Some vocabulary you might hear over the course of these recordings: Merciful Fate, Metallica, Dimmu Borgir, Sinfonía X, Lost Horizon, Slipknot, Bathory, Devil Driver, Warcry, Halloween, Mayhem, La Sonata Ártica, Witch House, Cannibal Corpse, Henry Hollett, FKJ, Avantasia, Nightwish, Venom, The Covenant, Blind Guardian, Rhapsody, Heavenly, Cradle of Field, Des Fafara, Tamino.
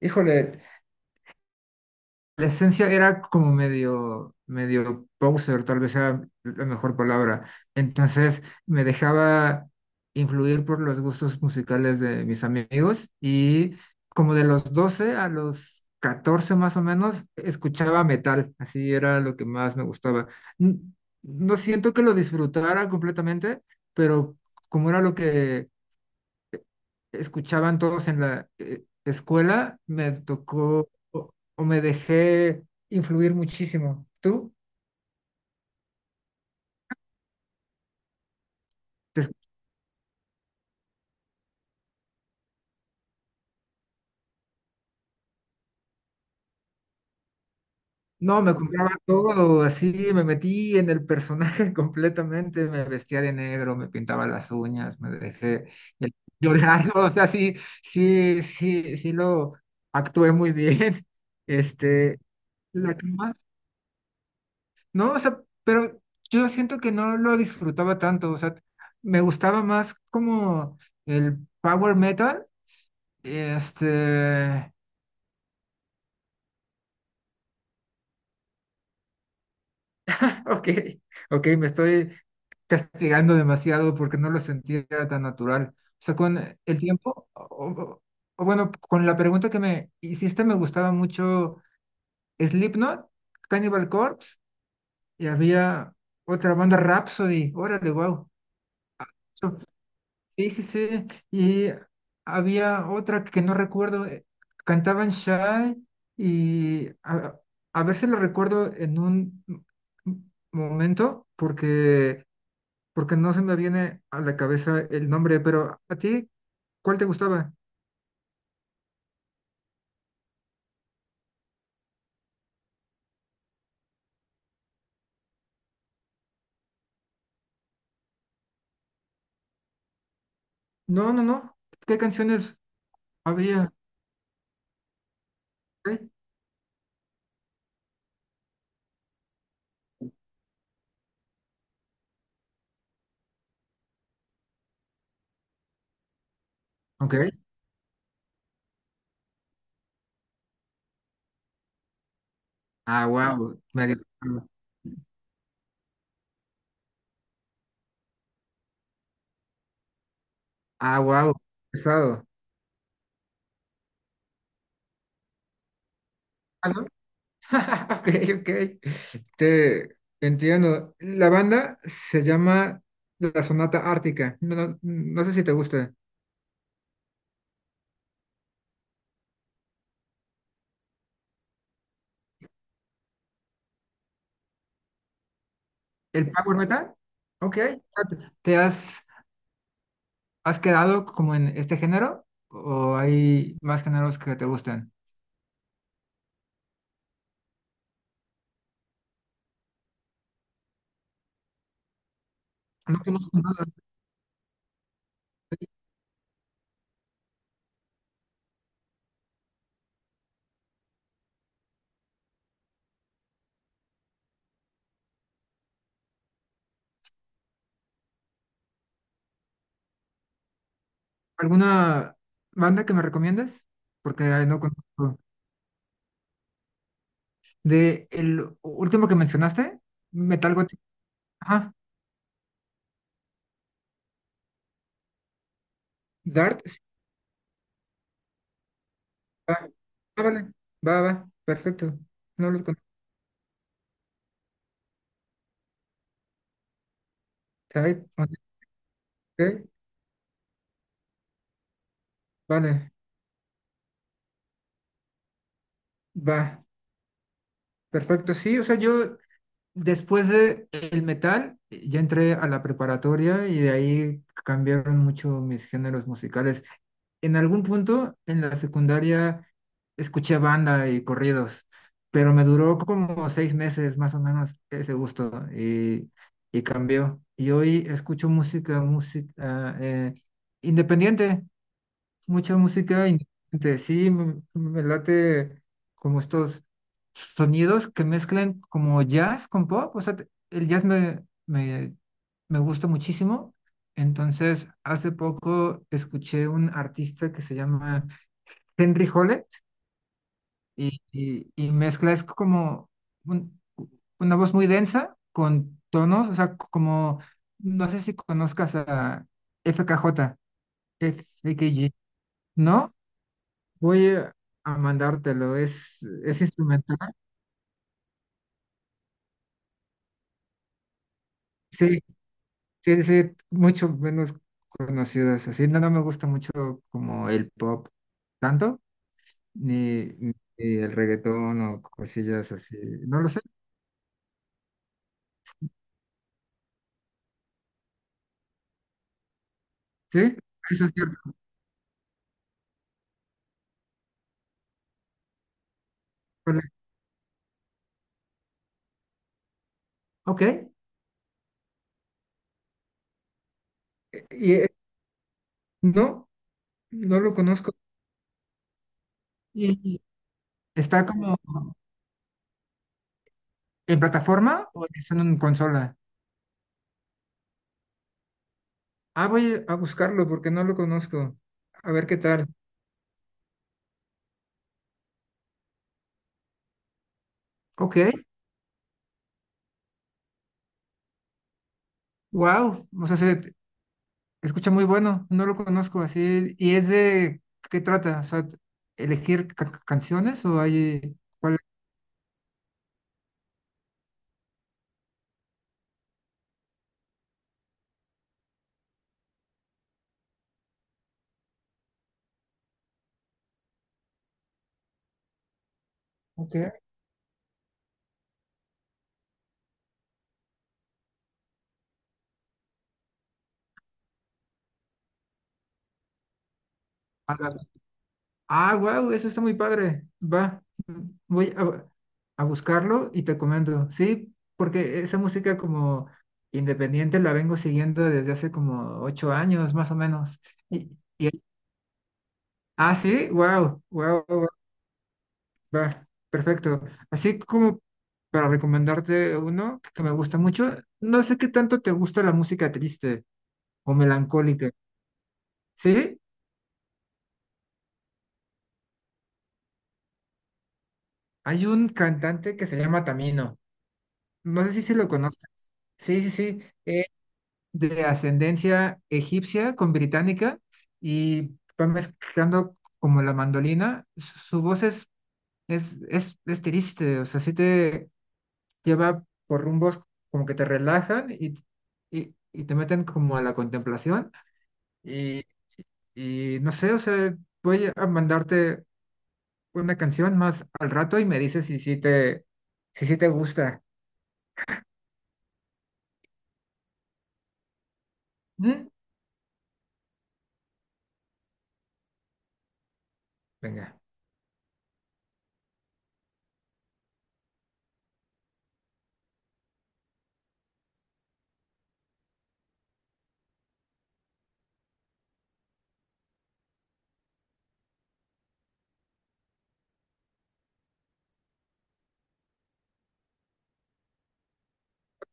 Híjole, la esencia era como medio, medio poser, tal vez sea la mejor palabra. Entonces me dejaba influir por los gustos musicales de mis amigos y, como de los 12 a los 14 más o menos, escuchaba metal, así era lo que más me gustaba. N- No siento que lo disfrutara completamente, pero como era lo que escuchaban todos en la escuela, me tocó, o me dejé influir muchísimo. ¿Tú? Te escu- No, me compraba todo, así me metí en el personaje completamente, me vestía de negro, me pintaba las uñas, me dejé eh, llorar, o sea, sí, sí, sí, sí lo actué muy bien. Este, la que más... No, o sea, pero yo siento que no lo disfrutaba tanto, o sea, me gustaba más como el power metal, este, ok, ok, me estoy castigando demasiado porque no lo sentía tan natural. O sea, con el tiempo, o bueno, con la pregunta que me hiciste, me gustaba mucho Slipknot, Cannibal Corpse, y había otra banda, Rhapsody, órale, wow. Sí, sí, sí. Y había otra que no recuerdo. Cantaban Shy y a ver si lo recuerdo en un m- momento, porque no se me viene a la cabeza el nombre, pero ¿a ti cuál te gustaba? No, no, no. ¿Qué canciones había? Ok. Ok. Ah, wow. Medio. Ah, wow. Pesado. Ah, ¿no? Ok, ok. Te entiendo. La banda se llama La Sonata Ártica. No, no, no sé si te gusta. ¿El power metal? Ok. ¿Te has quedado como en este género? ¿O hay más géneros que te gustan? No conozco nada. ¿Alguna banda que me recomiendes? Porque ay, no conozco. De el último que mencionaste, Metal Gothic. Ajá. Dart. Sí, va. Ah, vale. Va, va. Perfecto. No los conozco. Type, ok. Vale, va, perfecto. Sí, o sea, yo después de el metal, ya entré a la preparatoria y de ahí cambiaron mucho mis géneros musicales. En algún punto en la secundaria escuché banda y corridos, pero me duró como 6 meses más o menos ese gusto y cambió. Y hoy escucho música, música, independiente. Mucha música independiente. Sí, me late como estos sonidos que mezclan como jazz con pop. O sea, el jazz me gusta muchísimo. Entonces, hace poco escuché un artista que se llama Henry Hollett y mezcla, es como un- una voz muy densa con tonos, o sea, como, no sé si conozcas a FKJ, FKG. ¿No? Voy a mandártelo, es instrumental. Sí, sí, sí, mucho menos conocidas. Así no, no me gusta mucho como el pop, tanto, ni el reggaetón o cosillas así. No lo sé, sí, eso es cierto. Vale. Ok, y, no, no lo conozco. ¿Y está como en plataforma o es en consola? Ah, voy a buscarlo porque no lo conozco. A ver qué tal. Ok, wow, o sea, se escucha muy bueno, no lo conozco así. ¿Y es de qué trata? O sea, ¿elegir canciones o hay cuál? Ok. Ah, wow, eso está muy padre. Va, voy a buscarlo y te comento. Sí, porque esa música como independiente la vengo siguiendo desde hace como 8 años, más o menos. Y, y- ah, sí, wow, wow. Va, perfecto. Así como para recomendarte uno que me gusta mucho, no sé qué tanto te gusta la música triste o melancólica. ¿Sí? Hay un cantante que se llama Tamino. No sé si se lo conoces. Sí, sí, sí. Es de ascendencia egipcia con británica y va mezclando como la mandolina. Su voz es triste, o sea, sí te... lleva por rumbos como que te relajan y, te meten como a la contemplación y, y no sé, o sea, voy a mandarte una canción más al rato y me dices si sí te gusta. ¿Mm? Venga.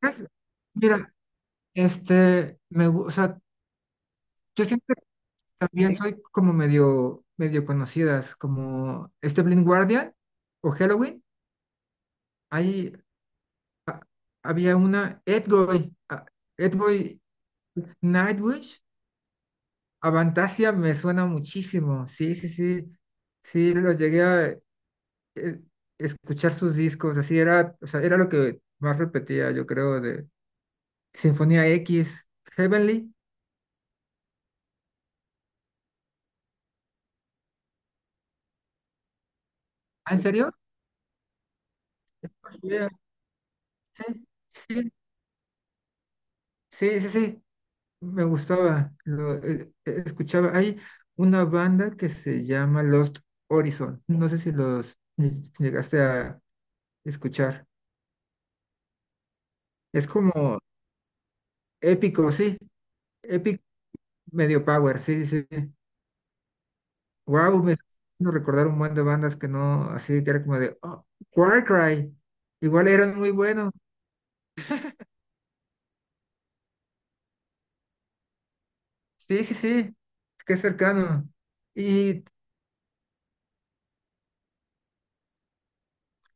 Pues, mira, o sea, yo siempre también soy como medio, medio conocidas, como este Blind Guardian o Halloween. Ahí a- había una Edgoy, ah, Edgoy, Nightwish, Avantasia me suena muchísimo. Sí, sí, sí. Sí, lo llegué a eh, escuchar sus discos. Así era, o sea, era lo que más repetía, yo creo, de Sinfonía X, Heavenly. ¿Ah, en serio? Yeah. Sí, sí, sí, sí, sí, me gustaba. Lo escuchaba. Hay una banda que se llama Lost Horizon. No sé si los llegaste a escuchar. Es como épico, sí. Medio power, sí, sí, sí. Wow, me está haciendo recordar un buen de bandas que no, así que era como de, oh, Warcry, igual eran muy buenos. Sí, sí, sí, qué cercano. Y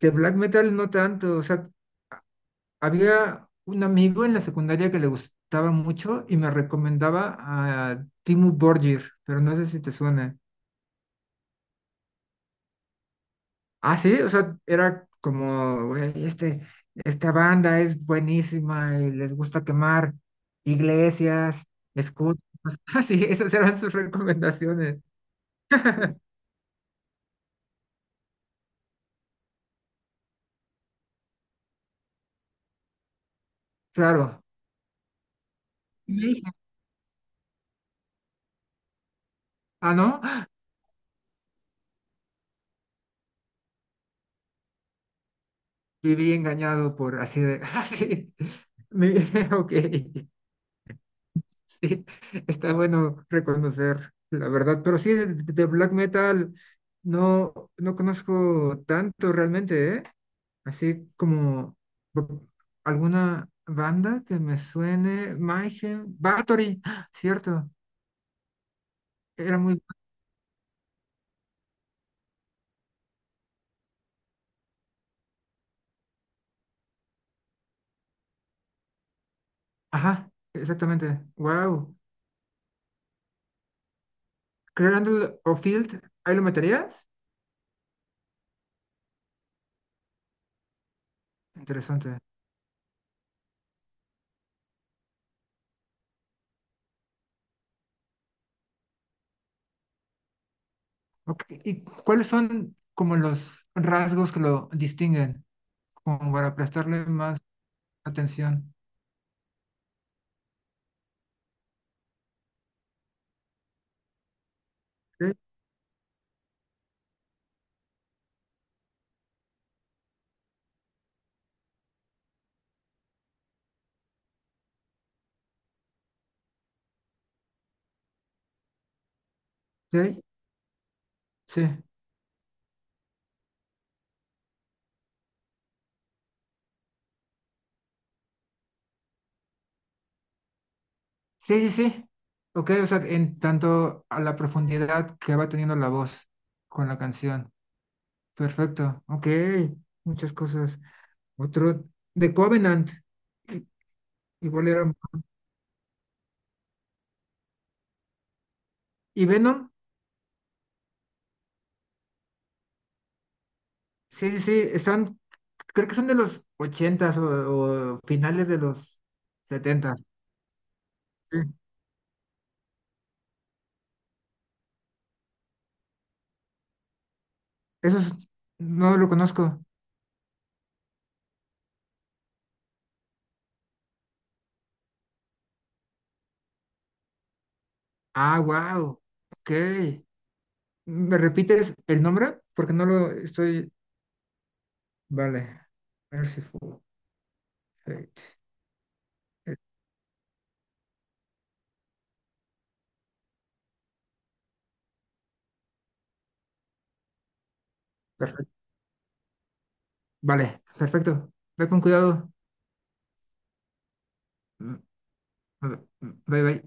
de black metal no tanto, o sea, había un amigo en la secundaria que le gustaba mucho y me recomendaba a Dimmu Borgir, pero no sé si te suena. Ah, sí, o sea, era como, "Güey, esta banda es buenísima y les gusta quemar iglesias, escudos". Ah, sí, esas eran sus recomendaciones. Claro. Y le dije, ah, no, viví engañado, por así de, ah, sí, me- ok, sí, está bueno reconocer la verdad, pero sí, de, black metal no, no conozco tanto realmente, ¿eh? Así como bu- alguna banda que me suene, Mayhem, Bathory, ¡ah!, cierto, era muy, ajá, exactamente, wow, Cradle of Field, ¿ahí lo meterías? Interesante. Ok, ¿y cuáles son como los rasgos que lo distinguen, como para prestarle más atención? Ok, ok, sí, sí, sí, sí. Ok, o sea, en tanto a la profundidad que va teniendo la voz con la canción. Perfecto, ok, muchas cosas. Otro, The Covenant, i- igual era. Y Venom, sí, sí, sí, están, creo que son de los ochentas o finales de los setenta. Sí. Eso no lo conozco. Ah, wow, ok. ¿Me repites el nombre? Porque no lo estoy. Vale, Merciful Fate. Eh, eh, Perfecto. Vale, perfecto. Ve con cuidado. Mm, mm. Bye, bye.